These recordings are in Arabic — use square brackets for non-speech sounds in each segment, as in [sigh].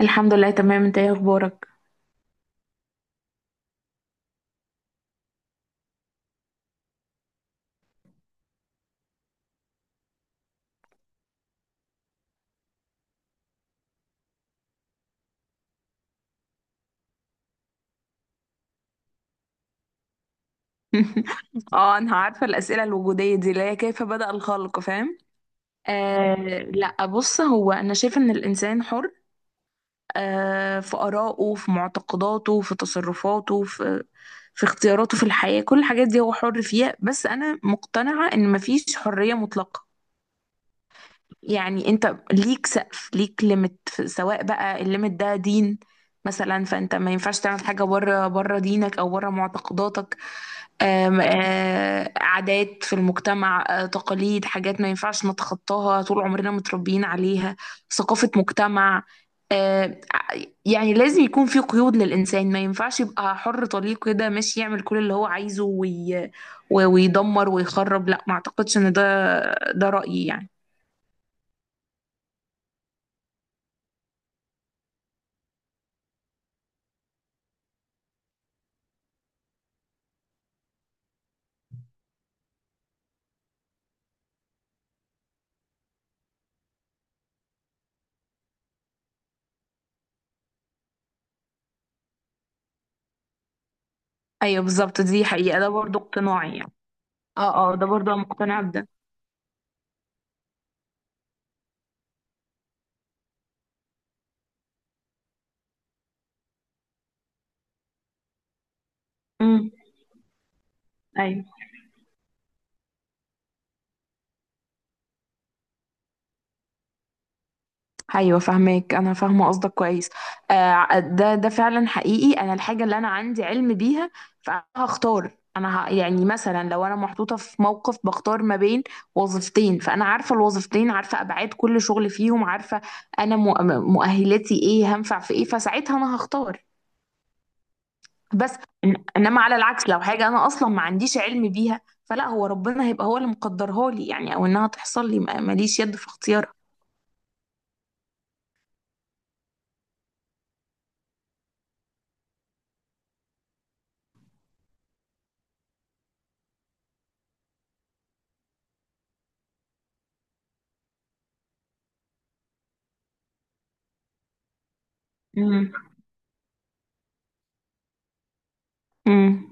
الحمد لله، تمام. انت ايه اخبارك؟ [laughs] اه، انا عارفه الاسئله الوجوديه دي اللي هي كيف بدأ الخلق، فاهم؟ آه. لا، بص، هو انا شايفه ان الانسان حر، في ارائه، في معتقداته، في تصرفاته، في اختياراته، في الحياه. كل الحاجات دي هو حر فيها، بس انا مقتنعه ان مفيش حريه مطلقه. يعني انت ليك سقف، ليك ليميت، سواء بقى الليميت ده دين مثلا، فانت ما ينفعش تعمل حاجه بره دينك او بره معتقداتك. عادات في المجتمع، تقاليد، حاجات ما ينفعش نتخطاها، طول عمرنا متربيين عليها. ثقافة مجتمع. آه، ع- يعني لازم يكون في قيود للإنسان، ما ينفعش يبقى حر طليق كده ماشي يعمل كل اللي هو عايزه ويدمر ويخرب. لا، ما أعتقدش إن ده. ده رأيي يعني. أيوه، بالظبط، دي حقيقة، ده برضو اقتناعي يعني. اه، اه، ده برضو أنا مقتنعة بده. امم. أيوه. ايوه، فاهمك، انا فاهمه قصدك كويس. ده فعلا حقيقي، انا الحاجه اللي انا عندي علم بيها، فهختار. يعني مثلا لو انا محطوطه في موقف، بختار ما بين وظيفتين، فانا عارفه الوظيفتين، عارفه ابعاد كل شغل فيهم، عارفه انا مؤهلاتي ايه، هنفع في ايه، فساعتها انا هختار. بس انما على العكس، لو حاجه انا اصلا ما عنديش علم بيها، فلا، هو ربنا هيبقى هو اللي مقدرها لي، يعني او انها تحصل لي، ماليش يد في اختيارها. امم.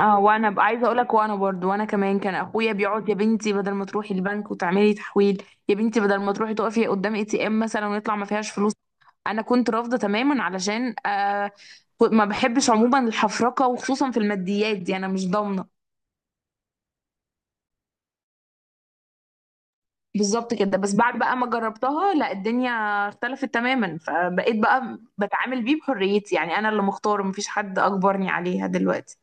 اه، وانا عايزه اقول لك، وانا برضو، وانا كمان كان اخويا بيقعد: يا بنتي، بدل ما تروحي البنك وتعملي تحويل، يا بنتي بدل ما تروحي تقفي قدام ATM مثلا، ويطلع ما فيهاش فلوس. انا كنت رافضه تماما، علشان ما بحبش عموما الحفرقه، وخصوصا في الماديات، دي انا مش ضامنه. بالظبط كده. بس بعد بقى ما جربتها، لا، الدنيا اختلفت تماما، فبقيت بقى بتعامل بيه بحريتي، يعني انا اللي مختاره، مفيش حد اجبرني عليها دلوقتي.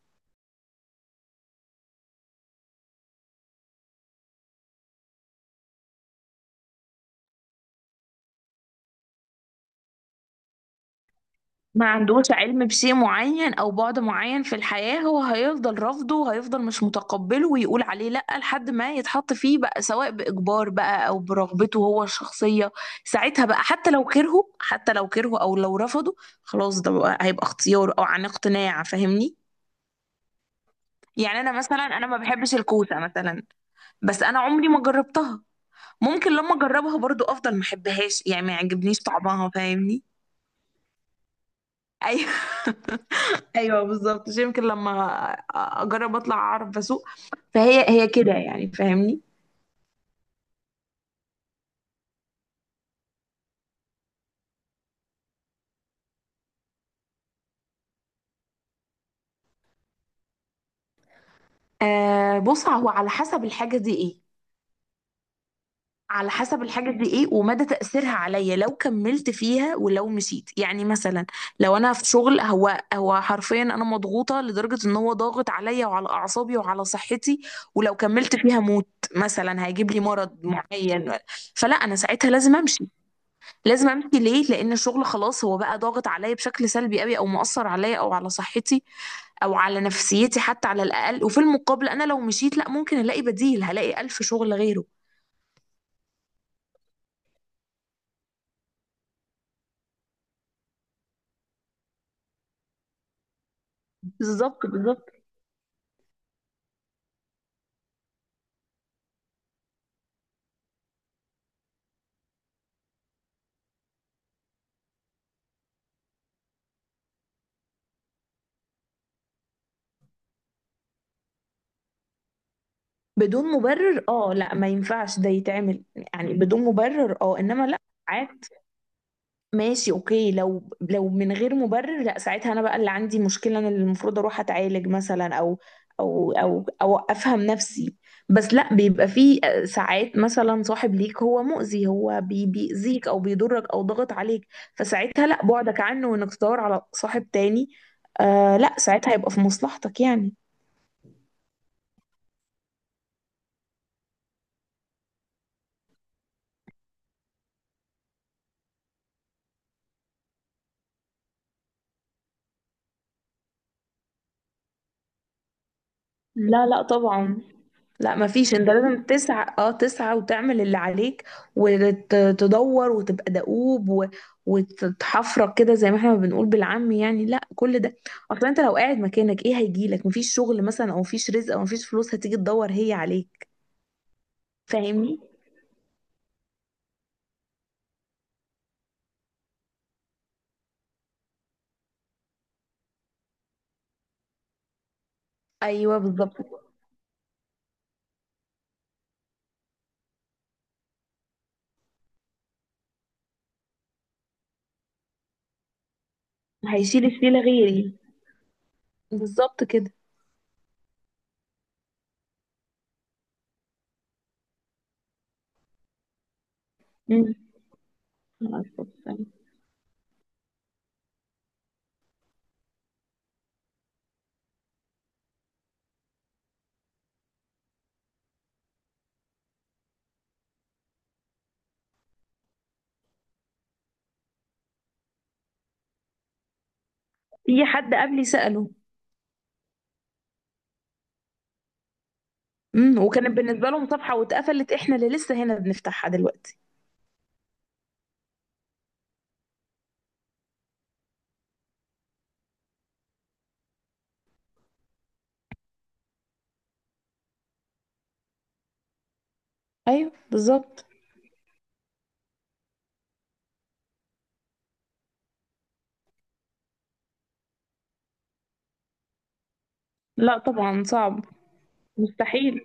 ما عندوش علم بشيء معين او بعد معين في الحياة، هو هيفضل رافضه وهيفضل مش متقبله ويقول عليه لأ، لحد ما يتحط فيه بقى، سواء بإجبار بقى او برغبته هو الشخصية. ساعتها بقى، حتى لو كرهه، حتى لو كرهه او لو رفضه، خلاص، ده بقى هيبقى اختيار او عن اقتناع، فاهمني؟ يعني انا مثلا، انا ما بحبش الكوسة مثلا، بس انا عمري ما جربتها، ممكن لما اجربها برضو افضل ما احبهاش، يعني ما يعجبنيش طعمها، فاهمني؟ ايوه. [laughs] ايوه بالظبط، عشان يمكن لما اجرب اطلع اعرف اسوق. فهي هي كده يعني، فاهمني؟ آه. بص، هو على حسب الحاجه دي ايه، على حسب الحاجه دي ايه ومدى تاثيرها عليا لو كملت فيها ولو مشيت، يعني مثلا لو انا في شغل، هو حرفيا انا مضغوطه لدرجه ان هو ضاغط عليا وعلى اعصابي وعلى صحتي، ولو كملت فيها موت، مثلا هيجيب لي مرض معين، فلا، انا ساعتها لازم امشي. لازم امشي ليه؟ لان الشغل خلاص هو بقى ضاغط عليا بشكل سلبي قوي، او مؤثر عليا او على صحتي او على نفسيتي حتى على الاقل، وفي المقابل انا لو مشيت، لا، ممكن الاقي بديل، هلاقي الف شغل غيره. بالظبط، بالظبط. بدون مبرر، لا، ما ينفعش ده يتعمل يعني بدون مبرر، انما لا. ماشي، اوكي، لو من غير مبرر، لا، ساعتها انا بقى اللي عندي مشكله، انا اللي المفروض اروح اتعالج مثلا، او افهم نفسي. بس لا، بيبقى في ساعات مثلا صاحب ليك هو مؤذي، هو بيأذيك او بيضرك او ضغط عليك، فساعتها لا، بعدك عنه وانك تدور على صاحب تاني. آه لا، ساعتها هيبقى في مصلحتك يعني. لا، لا طبعا. لا، مفيش، انت لازم تسعى، تسعى وتعمل اللي عليك، وتدور وتبقى دؤوب وتتحفرك كده، زي ما احنا ما بنقول بالعامي يعني، لا كل ده. اصلا انت لو قاعد مكانك، ايه هيجيلك؟ مفيش شغل مثلا، او مفيش رزق، او مفيش فلوس هتيجي تدور هي عليك، فاهمني؟ ايوه بالظبط، هيشيل الشيله غيري. بالظبط كده. امم في حد قبلي سأله. وكانت بالنسبه لهم صفحه واتقفلت، احنا اللي لسه هنا بنفتحها دلوقتي. ايوه بالظبط. لا طبعا، صعب. مستحيل.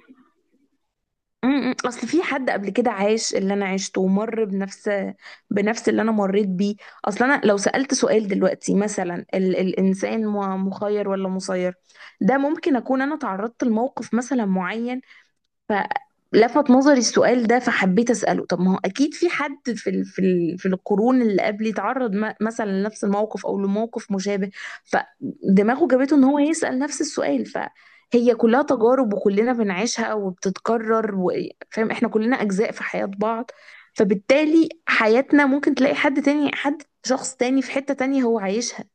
م- م. اصل في حد قبل كده عاش اللي انا عشته، ومر بنفس اللي انا مريت بيه. اصل انا لو سألت سؤال دلوقتي مثلا، الانسان مخير ولا مسير، ده ممكن اكون انا تعرضت لموقف مثلا معين، فلفت نظري السؤال ده، فحبيت أسأله. طب ما هو أكيد في حد في القرون اللي قبل، يتعرض مثلا لنفس الموقف أو لموقف مشابه، فدماغه جابته إن هو يسأل نفس السؤال، فهي كلها تجارب وكلنا بنعيشها وبتتكرر. فاهم؟ إحنا كلنا أجزاء في حياة بعض، فبالتالي حياتنا ممكن تلاقي حد تاني، حد شخص تاني في حتة تانية هو عايشها.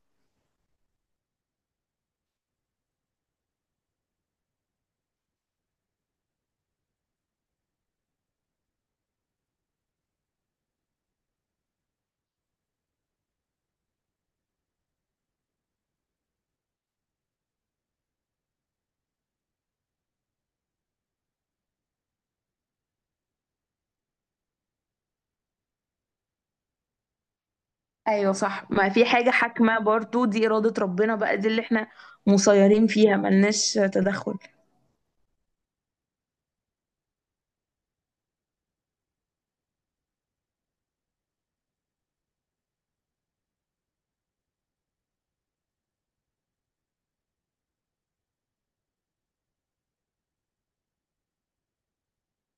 ايوه صح، ما في حاجة حاكمة برضو، دي إرادة ربنا بقى، دي اللي احنا مسيرين فيها ملناش تدخل.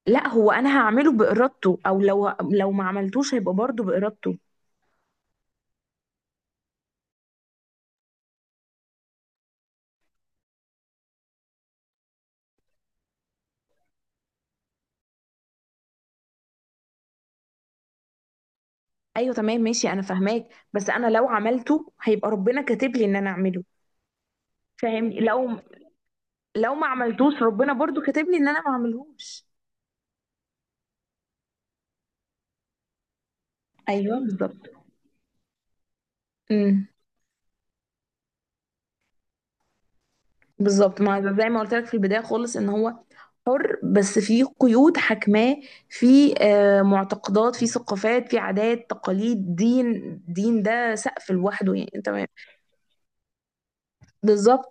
لا، هو انا هعمله بارادته، او لو ما عملتوش هيبقى برضه بارادته. ايوه تمام، ماشي، انا فاهماك، بس انا لو عملته هيبقى ربنا كاتب لي ان انا اعمله. فاهمني؟ لو ما عملتوش ربنا برضه كاتب لي ان انا ما اعملهوش. ايوه بالظبط. امم. بالظبط، ما زي ما قلت لك في البدايه خالص، ان هو حر، بس في قيود حاكماه، في معتقدات، في ثقافات، في عادات، تقاليد، دين. دين ده سقف لوحده يعني، تمام. بالظبط.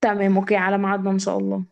تمام، اوكي، على ميعادنا ان شاء الله.